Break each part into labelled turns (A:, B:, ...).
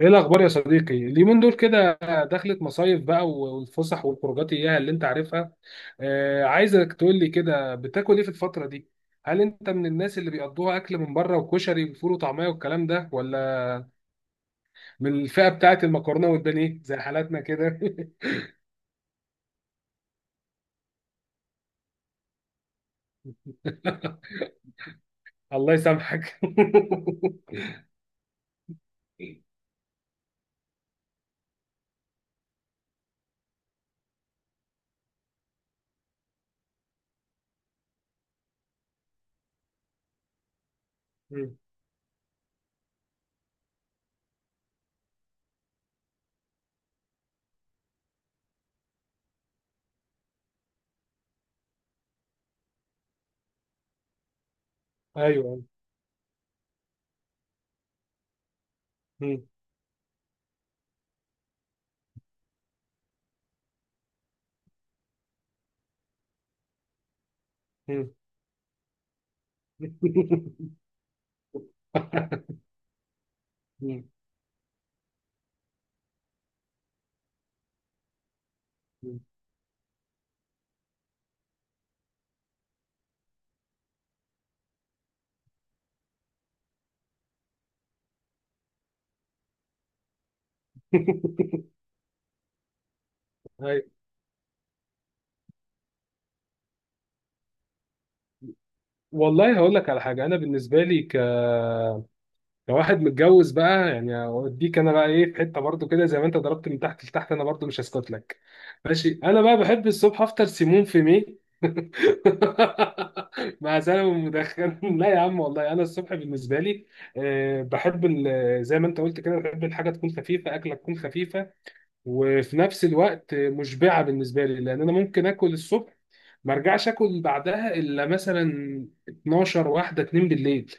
A: ايه الاخبار يا صديقي اليومين دول كده؟ دخلت مصايف بقى، والفسح والخروجات اياها اللي انت عارفها. عايزك تقول لي كده، بتاكل ايه في الفتره دي؟ هل انت من الناس اللي بيقضوها اكل من بره وكشري وفول وطعميه والكلام ده، ولا من الفئه بتاعه المكرونه والبانيه زي حالاتنا كده؟ الله يسامحك. مم. ايوه. مم. مم. مم. ايوه، والله هقول لك على حاجه. انا بالنسبه لي لو واحد متجوز بقى يعني، اوديك انا بقى ايه في حته برضو كده، زي ما انت ضربت من تحت لتحت انا برضو مش هسكت لك. ماشي، انا بقى بحب الصبح افطر سيمون في مي. مع سلامه مدخن. لا يا عم، والله انا الصبح بالنسبه لي بحب زي ما انت قلت كده، بحب الحاجه تكون خفيفه، اكله تكون خفيفه. وفي نفس الوقت مشبعه بالنسبه لي، لان انا ممكن اكل الصبح ما ارجعش اكل بعدها الا مثلا 12 واحده 2 بالليل.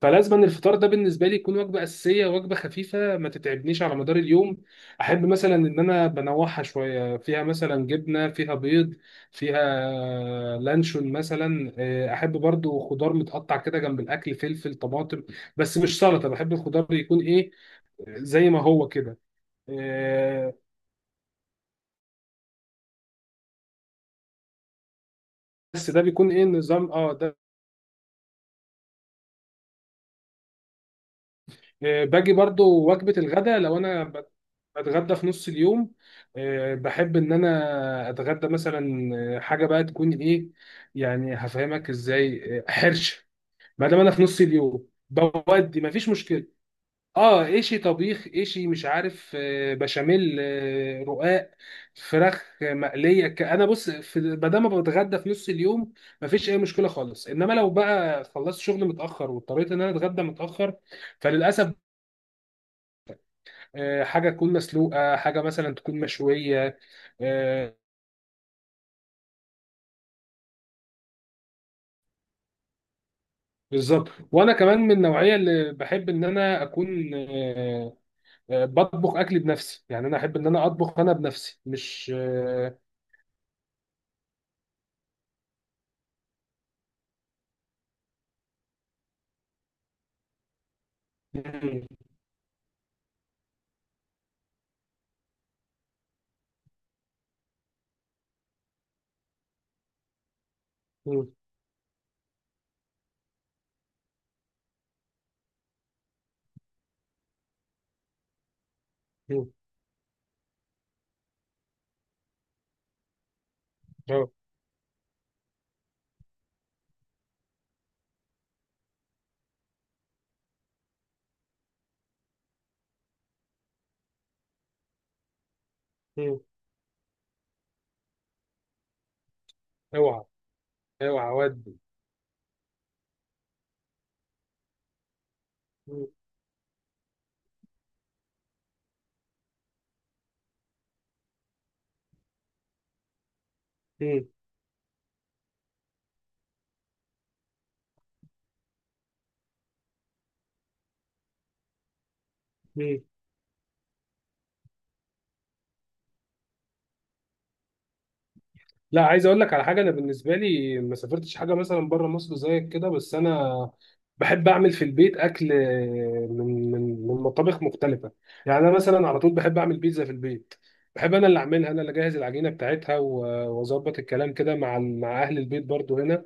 A: فلازم أن الفطار ده بالنسبه لي يكون وجبه اساسيه، وجبه خفيفه ما تتعبنيش على مدار اليوم. احب مثلا ان انا بنوعها شويه، فيها مثلا جبنه، فيها بيض، فيها لانشون مثلا. احب برضو خضار متقطع كده جنب الاكل، فلفل، طماطم. بس مش سلطه، بحب الخضار يكون ايه، زي ما هو كده. آه، بس ده بيكون ايه النظام ده. باجي برضو وجبة الغداء لو أنا بتغدى في نص اليوم. بحب إن أنا أتغدى مثلا حاجة بقى تكون إيه، يعني هفهمك إزاي، حرشة. ما دام أنا في نص اليوم بودي مفيش مشكلة. اه، ايشي طبيخ، ايشي مش عارف، بشاميل، رقاق، فراخ مقليه. انا بص، في ما دام بتغدى في نص اليوم مفيش اي مشكله خالص. انما لو بقى خلصت شغل متاخر، واضطريت ان انا اتغدى متاخر، فللاسف حاجه تكون مسلوقه، حاجه مثلا تكون مشويه. آه. بالظبط، وانا كمان من النوعيه اللي بحب ان انا اكون بطبخ اكلي بنفسي. يعني انا احب ان انا اطبخ انا بنفسي، مش مم، مم، مم، آه، مم، اوعى اوعى ودي. مم، مم، لا، عايز اقول لك على حاجه. انا بالنسبه لي ما سافرتش حاجه مثلا بره مصر زيك كده، بس انا بحب اعمل في البيت اكل من مطابخ مختلفه. يعني انا مثلا على طول بحب اعمل بيتزا في البيت. بحب انا اللي اعملها، انا اللي اجهز العجينه بتاعتها واظبط الكلام كده مع مع اهل البيت برضو هنا.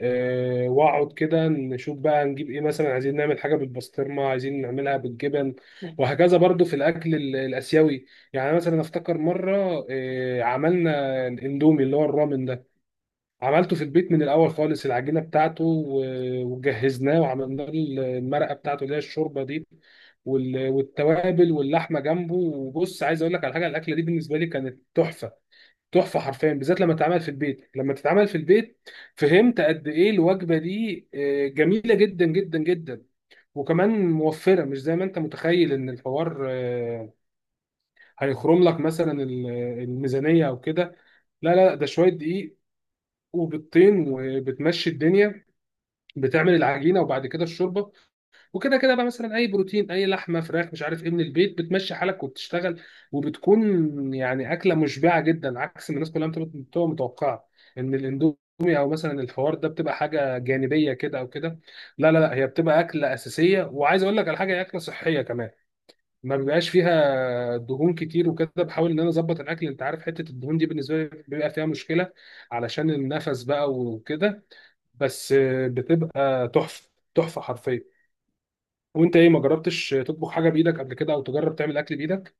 A: واقعد كده نشوف بقى هنجيب ايه، مثلا عايزين نعمل حاجه بالبسطرمه، عايزين نعملها بالجبن. وهكذا برضو في الاكل الاسيوي. يعني مثلا افتكر مره عملنا الاندومي اللي هو الرامن ده. عملته في البيت من الاول خالص، العجينه بتاعته وجهزناه، وعملنا له المرقه بتاعته اللي هي الشوربه دي، والتوابل واللحمه جنبه. وبص، عايز اقول لك على حاجه، الاكله دي بالنسبه لي كانت تحفه، تحفه حرفيا، بالذات لما تتعمل في البيت، لما تتعمل في البيت. فهمت قد ايه الوجبه دي جميله جدا جدا جدا. وكمان موفره، مش زي ما انت متخيل ان الحوار هيخرم لك مثلا الميزانيه او كده. لا لا، ده شويه دقيق، وبيضتين، وبتمشي الدنيا. بتعمل العجينه، وبعد كده الشوربه. وكده كده بقى، مثلا اي بروتين، اي لحمه، فراخ، مش عارف ايه من البيت، بتمشي حالك وبتشتغل. وبتكون يعني اكله مشبعه جدا، عكس ما الناس كلها بتبقى متوقعه ان الاندومي، او مثلا الفوار ده بتبقى حاجه جانبيه كده او كده. لا لا لا، هي بتبقى اكله اساسيه. وعايز اقول لك على حاجه، هي اكله صحيه كمان، ما بيبقاش فيها دهون كتير وكده. بحاول ان انا اظبط الاكل، انت عارف، حته الدهون دي بالنسبه لي بيبقى فيها مشكله علشان النفس بقى وكده. بس بتبقى تحفه، تحفه حرفيا. وانت ايه، ما جربتش تطبخ حاجه بايدك قبل كده، او تجرب تعمل اكل بايدك،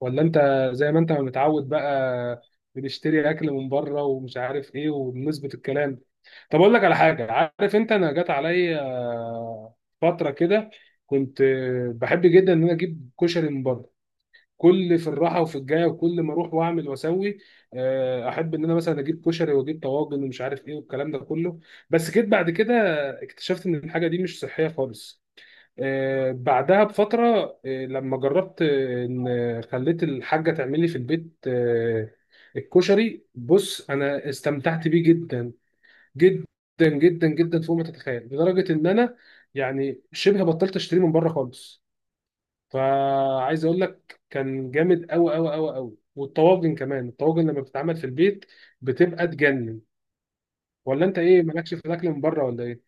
A: ولا انت زي ما انت متعود بقى، بنشتري اكل من بره ومش عارف ايه وبنظبط الكلام؟ طب اقول لك على حاجه، عارف انت، انا جات عليا فتره كده كنت بحب جدا ان انا اجيب كشري من بره. كل في الراحه وفي الجايه وكل ما اروح واعمل واسوي. احب ان انا مثلا اجيب كشري، واجيب طواجن ومش عارف ايه والكلام ده كله. بس جيت بعد كده اكتشفت ان الحاجه دي مش صحيه خالص. بعدها بفترة، لما جربت إن خليت الحاجة تعمل لي في البيت الكشري، بص أنا استمتعت بيه جدا، جدا، جدا جدا فوق ما تتخيل. لدرجة إن أنا يعني شبه بطلت أشتري من بره خالص. فعايز أقول لك كان جامد أوي أوي أوي أوي. والطواجن كمان، الطواجن لما بتتعمل في البيت بتبقى تجنن. ولا أنت إيه، مالكش في الأكل من بره ولا إيه؟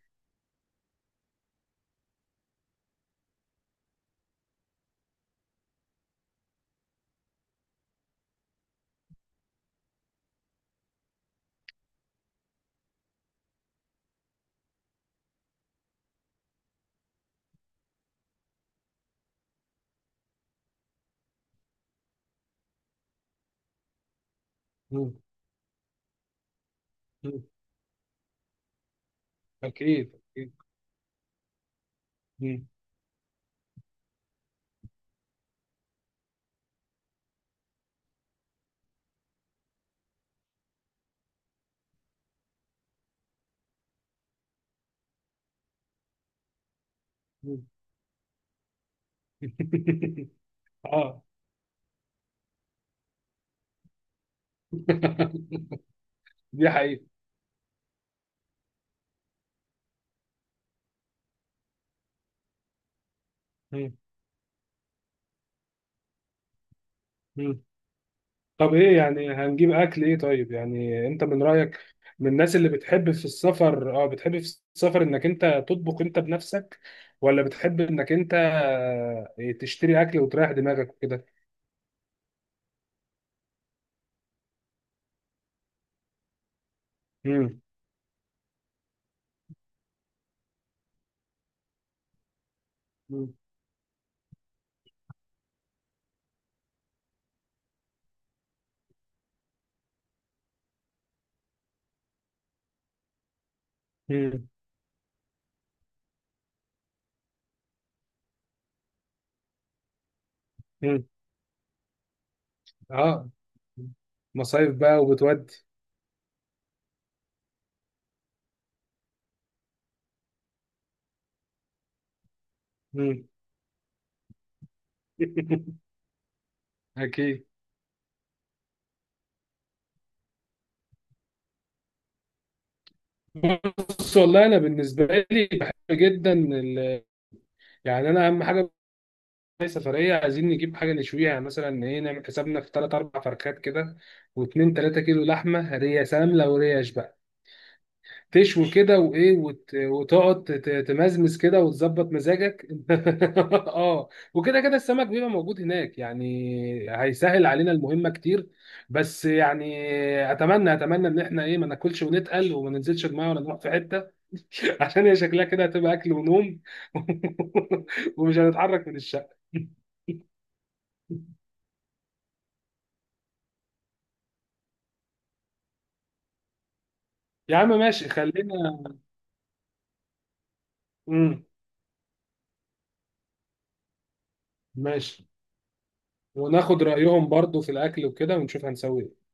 A: مم، مم، أكيد أكيد. مم، مم. اه. دي حقيقة. مم. مم. طب ايه، يعني هنجيب اكل ايه؟ طيب، يعني انت من رأيك من الناس اللي بتحب في السفر، بتحب في السفر انك انت تطبخ انت بنفسك، ولا بتحب انك انت تشتري اكل وتريح دماغك وكده؟ مم. مم. مم. مم. اه، مصايف بقى وبتودي. مم. اكيد. بص، والله انا بالنسبه لي بحب جدا يعني انا اهم حاجه، هي سفرية، عايزين نجيب حاجة نشويها. يعني مثلا إيه، نعمل حسابنا في تلات أربع فرخات كده، واتنين تلاتة كيلو لحمة ريا سلام. لو ريش بقى تشوي كده وإيه وتقعد تمزمز كده وتظبط مزاجك. آه. وكده كده السمك بيبقى موجود هناك يعني، هيسهل علينا المهمة كتير. بس يعني أتمنى أتمنى إن إحنا إيه ما ناكلش ونتقل وما ننزلش المية ولا نروح في حتة. عشان هي شكلها كده هتبقى أكل ونوم. ومش هنتحرك من الشقة. يا عم ماشي، خلينا. امم. ماشي. وناخد رأيهم برضو في الأكل وكده ونشوف هنسوي إيه.